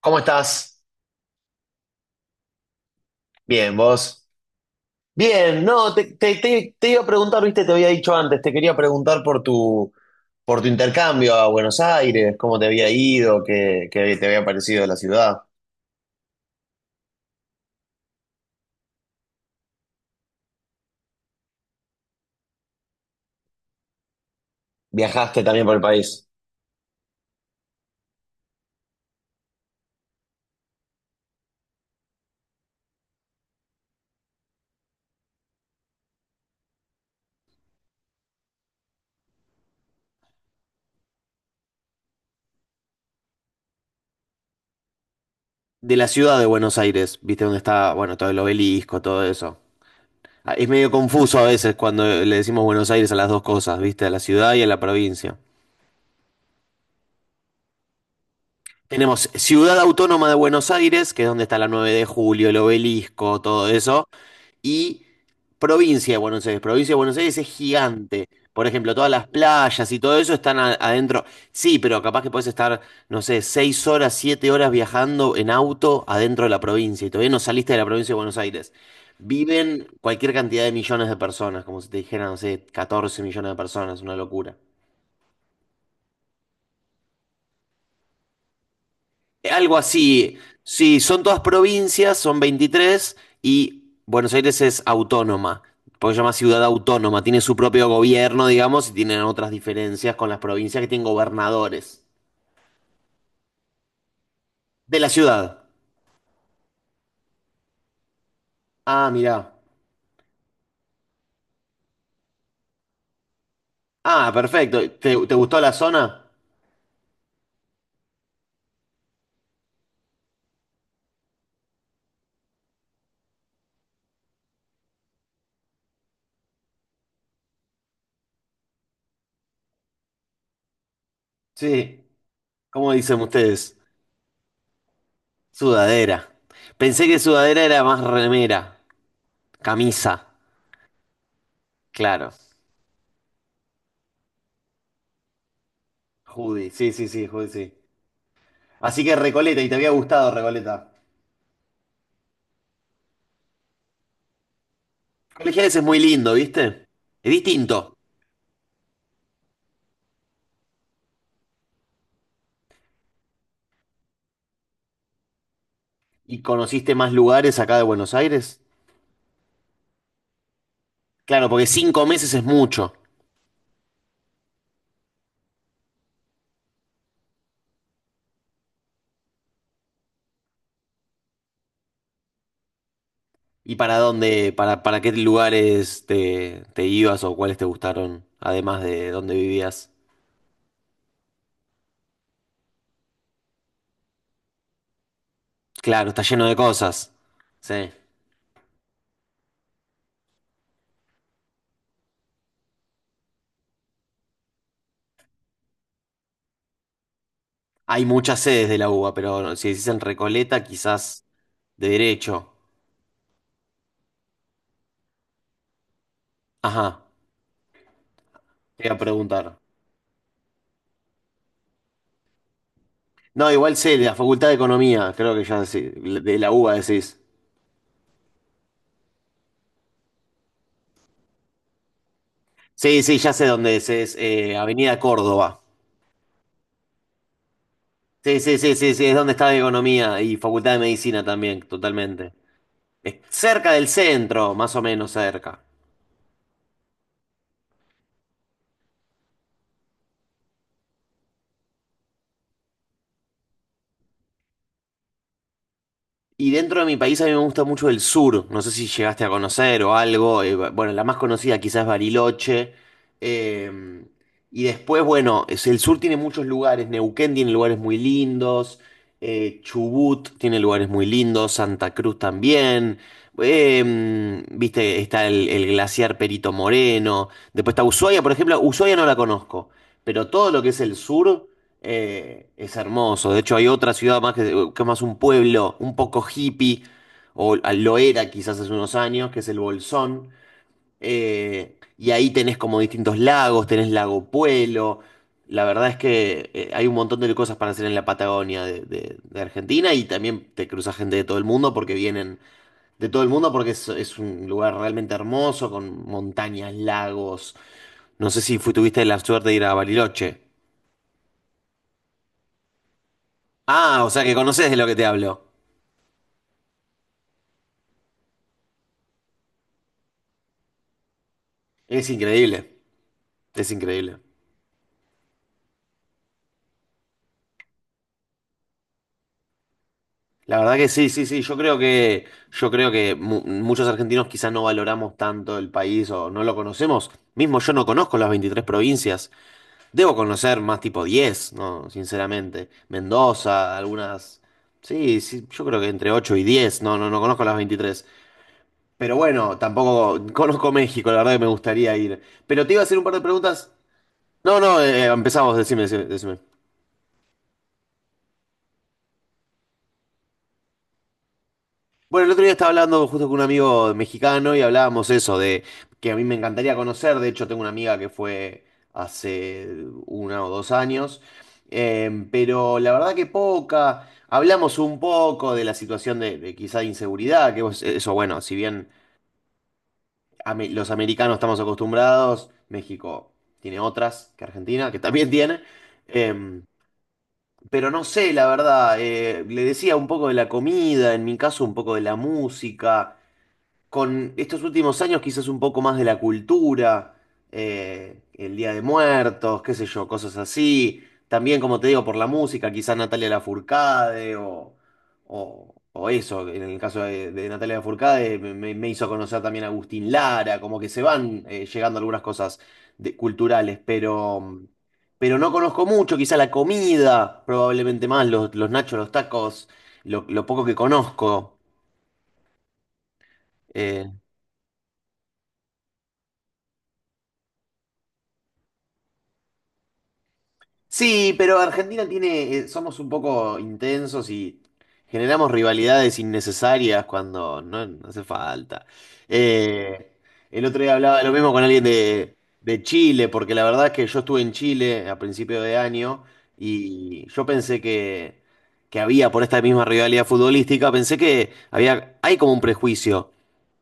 ¿Cómo estás? Bien, vos. Bien, no, te iba a preguntar, viste, te había dicho antes, te quería preguntar por tu intercambio a Buenos Aires, cómo te había ido, qué te había parecido la ciudad. ¿Viajaste también por el país? De la ciudad de Buenos Aires, viste dónde está, bueno, todo el obelisco, todo eso. Ah, es medio confuso a veces cuando le decimos Buenos Aires a las dos cosas, viste, a la ciudad y a la provincia. Tenemos Ciudad Autónoma de Buenos Aires, que es donde está la 9 de Julio, el obelisco, todo eso. Y provincia de Buenos Aires. Provincia de Buenos Aires es gigante. Por ejemplo, todas las playas y todo eso están adentro. Sí, pero capaz que puedes estar, no sé, 6 horas, 7 horas viajando en auto adentro de la provincia y todavía no saliste de la provincia de Buenos Aires. Viven cualquier cantidad de millones de personas, como si te dijera, no sé, 14 millones de personas, una locura. Algo así. Sí, son todas provincias, son 23 y Buenos Aires es autónoma, porque se llama ciudad autónoma, tiene su propio gobierno, digamos, y tienen otras diferencias con las provincias que tienen gobernadores de la ciudad. Ah, mirá. Ah, perfecto. ¿Te gustó la zona? Sí. ¿Cómo dicen ustedes? Sudadera. Pensé que sudadera era más remera, camisa. Claro. Judy, sí, sí, sí, Judy, sí. Así que Recoleta, y te había gustado Recoleta. Colegiales es muy lindo, ¿viste? Es distinto. ¿Y conociste más lugares acá de Buenos Aires? Claro, porque 5 meses es mucho. ¿Y para dónde, para qué lugares te ibas o cuáles te gustaron, además de dónde vivías? Claro, está lleno de cosas. Sí. Hay muchas sedes de la UBA, pero si decís en Recoleta, quizás de derecho. Ajá, te iba a preguntar. No, igual sé, de la Facultad de Economía, creo que ya de la UBA decís. Sí, sí, ya sé dónde es Avenida Córdoba. Sí, sí, sí, sí, sí, es donde está Economía y Facultad de Medicina también, totalmente. Es cerca del centro, más o menos cerca. Y dentro de mi país a mí me gusta mucho el sur. No sé si llegaste a conocer o algo. Bueno, la más conocida quizás es Bariloche. eh, y después, bueno, el sur tiene muchos lugares. Neuquén tiene lugares muy lindos. Chubut tiene lugares muy lindos. Santa Cruz también. Viste, está el glaciar Perito Moreno. Después está Ushuaia, por ejemplo. Ushuaia no la conozco. Pero todo lo que es el sur. Es hermoso. De hecho, hay otra ciudad más que es más un pueblo, un poco hippie, o lo era quizás hace unos años, que es el Bolsón. Y ahí tenés como distintos lagos, tenés Lago Puelo. La verdad es que hay un montón de cosas para hacer en la Patagonia de Argentina y también te cruzas gente de todo el mundo porque vienen de todo el mundo porque es un lugar realmente hermoso con montañas, lagos. No sé si tuviste la suerte de ir a Bariloche. Ah, o sea que conoces de lo que te hablo. Es increíble, es increíble. La verdad que sí, sí, sí. Yo creo que muchos argentinos quizás no valoramos tanto el país o no lo conocemos. Mismo yo no conozco las 23 provincias. Debo conocer más tipo 10, ¿no? Sinceramente. Mendoza, algunas. Sí, sí, yo creo que entre 8 y 10. No, no, no conozco las 23. Pero bueno, tampoco conozco México, la verdad que me gustaría ir. Pero te iba a hacer un par de preguntas. No, no, empezamos, decime, decime, decime. Bueno, el otro día estaba hablando justo con un amigo mexicano y hablábamos eso de que a mí me encantaría conocer. De hecho, tengo una amiga que fue hace 1 o 2 años, pero la verdad que poca. Hablamos un poco de la situación de quizá de inseguridad, que eso, bueno, si bien los americanos estamos acostumbrados, México tiene otras que Argentina, que también tiene. em, pero no sé, la verdad, le decía un poco de la comida, en mi caso un poco de la música con estos últimos años quizás un poco más de la cultura, el Día de Muertos, qué sé yo, cosas así. También, como te digo, por la música, quizás Natalia Lafourcade o eso, en el caso de Natalia Lafourcade me hizo conocer también a Agustín Lara, como que se van llegando algunas cosas culturales, pero no conozco mucho, quizá la comida, probablemente más, los nachos, los tacos, lo poco que conozco. eh, Sí, pero Argentina tiene, somos un poco intensos y generamos rivalidades innecesarias cuando no, no hace falta. Eh, el otro día hablaba lo mismo con alguien de Chile, porque la verdad es que yo estuve en Chile a principio de año y yo pensé que había, por esta misma rivalidad futbolística, pensé que había, hay como un prejuicio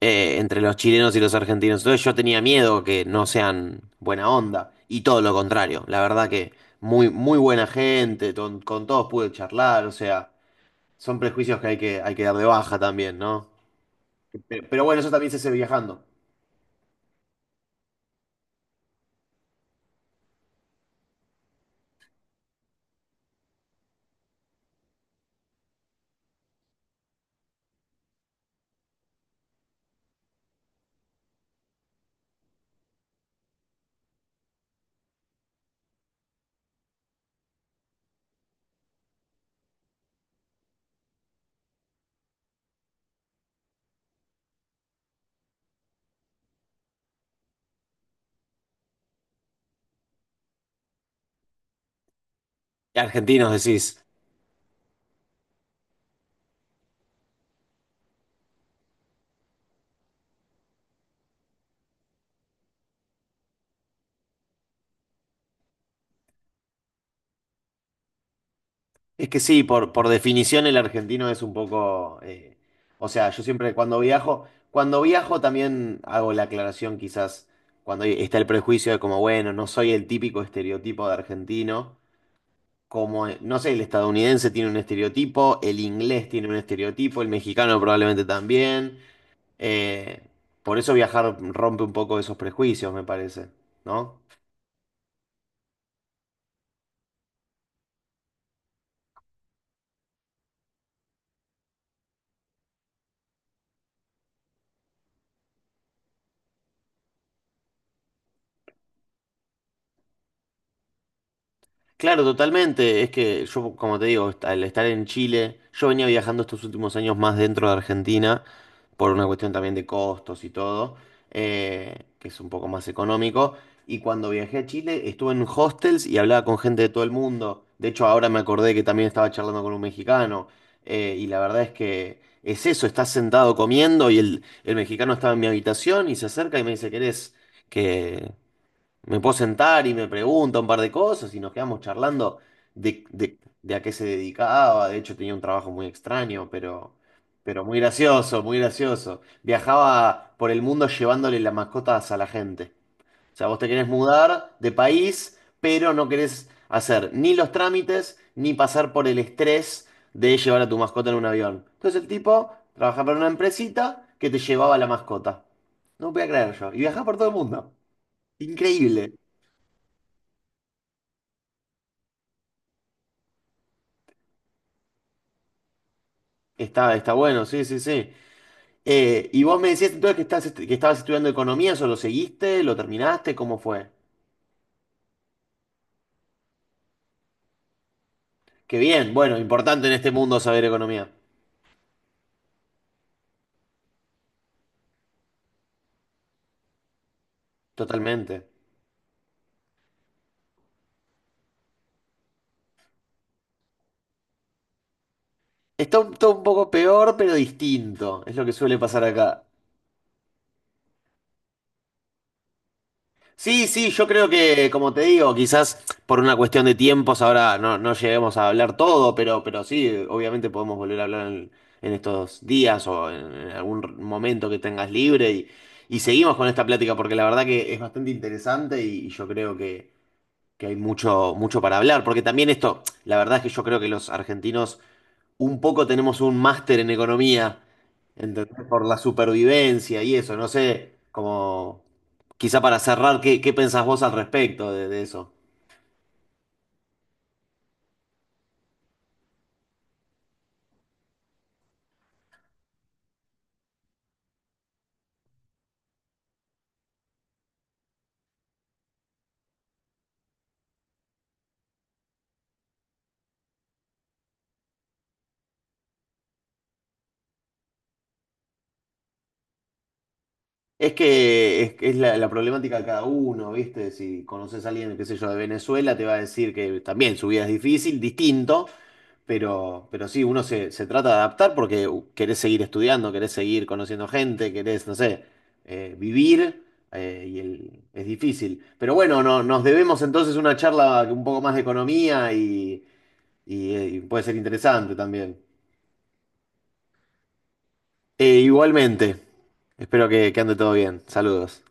entre los chilenos y los argentinos. Entonces yo tenía miedo que no sean buena onda. Y todo lo contrario. La verdad que muy, muy buena gente, todos pude charlar. O sea, son prejuicios que hay que dar de baja también, ¿no? Pero bueno, eso también se hace viajando. Argentinos decís. Es que sí, por definición el argentino es un poco, o sea, yo siempre cuando viajo, también hago la aclaración quizás cuando está el prejuicio de como, bueno, no soy el típico estereotipo de argentino. Como, no sé, el estadounidense tiene un estereotipo, el inglés tiene un estereotipo, el mexicano probablemente también. Eh, por eso viajar rompe un poco esos prejuicios, me parece, ¿no? Claro, totalmente. Es que yo, como te digo, al estar en Chile, yo venía viajando estos últimos años más dentro de Argentina, por una cuestión también de costos y todo, que es un poco más económico. Y cuando viajé a Chile, estuve en hostels y hablaba con gente de todo el mundo. De hecho, ahora me acordé que también estaba charlando con un mexicano. Y la verdad es que es eso, estás sentado comiendo y el mexicano estaba en mi habitación y se acerca y me dice, ¿querés que me puedo sentar? Y me pregunta un par de cosas y nos quedamos charlando de a qué se dedicaba. De hecho, tenía un trabajo muy extraño, pero muy gracioso, muy gracioso. Viajaba por el mundo llevándole las mascotas a la gente. O sea, vos te querés mudar de país, pero no querés hacer ni los trámites ni pasar por el estrés de llevar a tu mascota en un avión. Entonces el tipo trabajaba para una empresita que te llevaba la mascota. No podía creer yo. Y viajaba por todo el mundo. Increíble. Está bueno, sí, sí, sí. Y vos me decías entonces que estabas estudiando economía, ¿eso lo seguiste? ¿Lo terminaste? ¿Cómo fue? Qué bien, bueno, importante en este mundo saber economía. Totalmente. Está todo un poco peor, pero distinto. Es lo que suele pasar acá. Sí, sí, yo creo que, como te digo, quizás por una cuestión de tiempos ahora no lleguemos a hablar todo, pero sí, obviamente podemos volver a hablar en estos días o en algún momento que tengas libre y seguimos con esta plática porque la verdad que es bastante interesante y yo creo que hay mucho, mucho para hablar, porque también esto, la verdad es que yo creo que los argentinos un poco tenemos un máster en economía, ¿entendés? Por la supervivencia y eso, no sé, como quizá para cerrar, ¿qué pensás vos al respecto de eso? Es que es la problemática de cada uno, ¿viste? Si conoces a alguien, qué sé yo, de Venezuela, te va a decir que también su vida es difícil, distinto, pero sí, uno se trata de adaptar porque querés seguir estudiando, querés seguir conociendo gente, querés, no sé, vivir, y es difícil. Pero bueno, no, nos debemos entonces una charla un poco más de economía y puede ser interesante también. Igualmente, espero que ande todo bien. Saludos.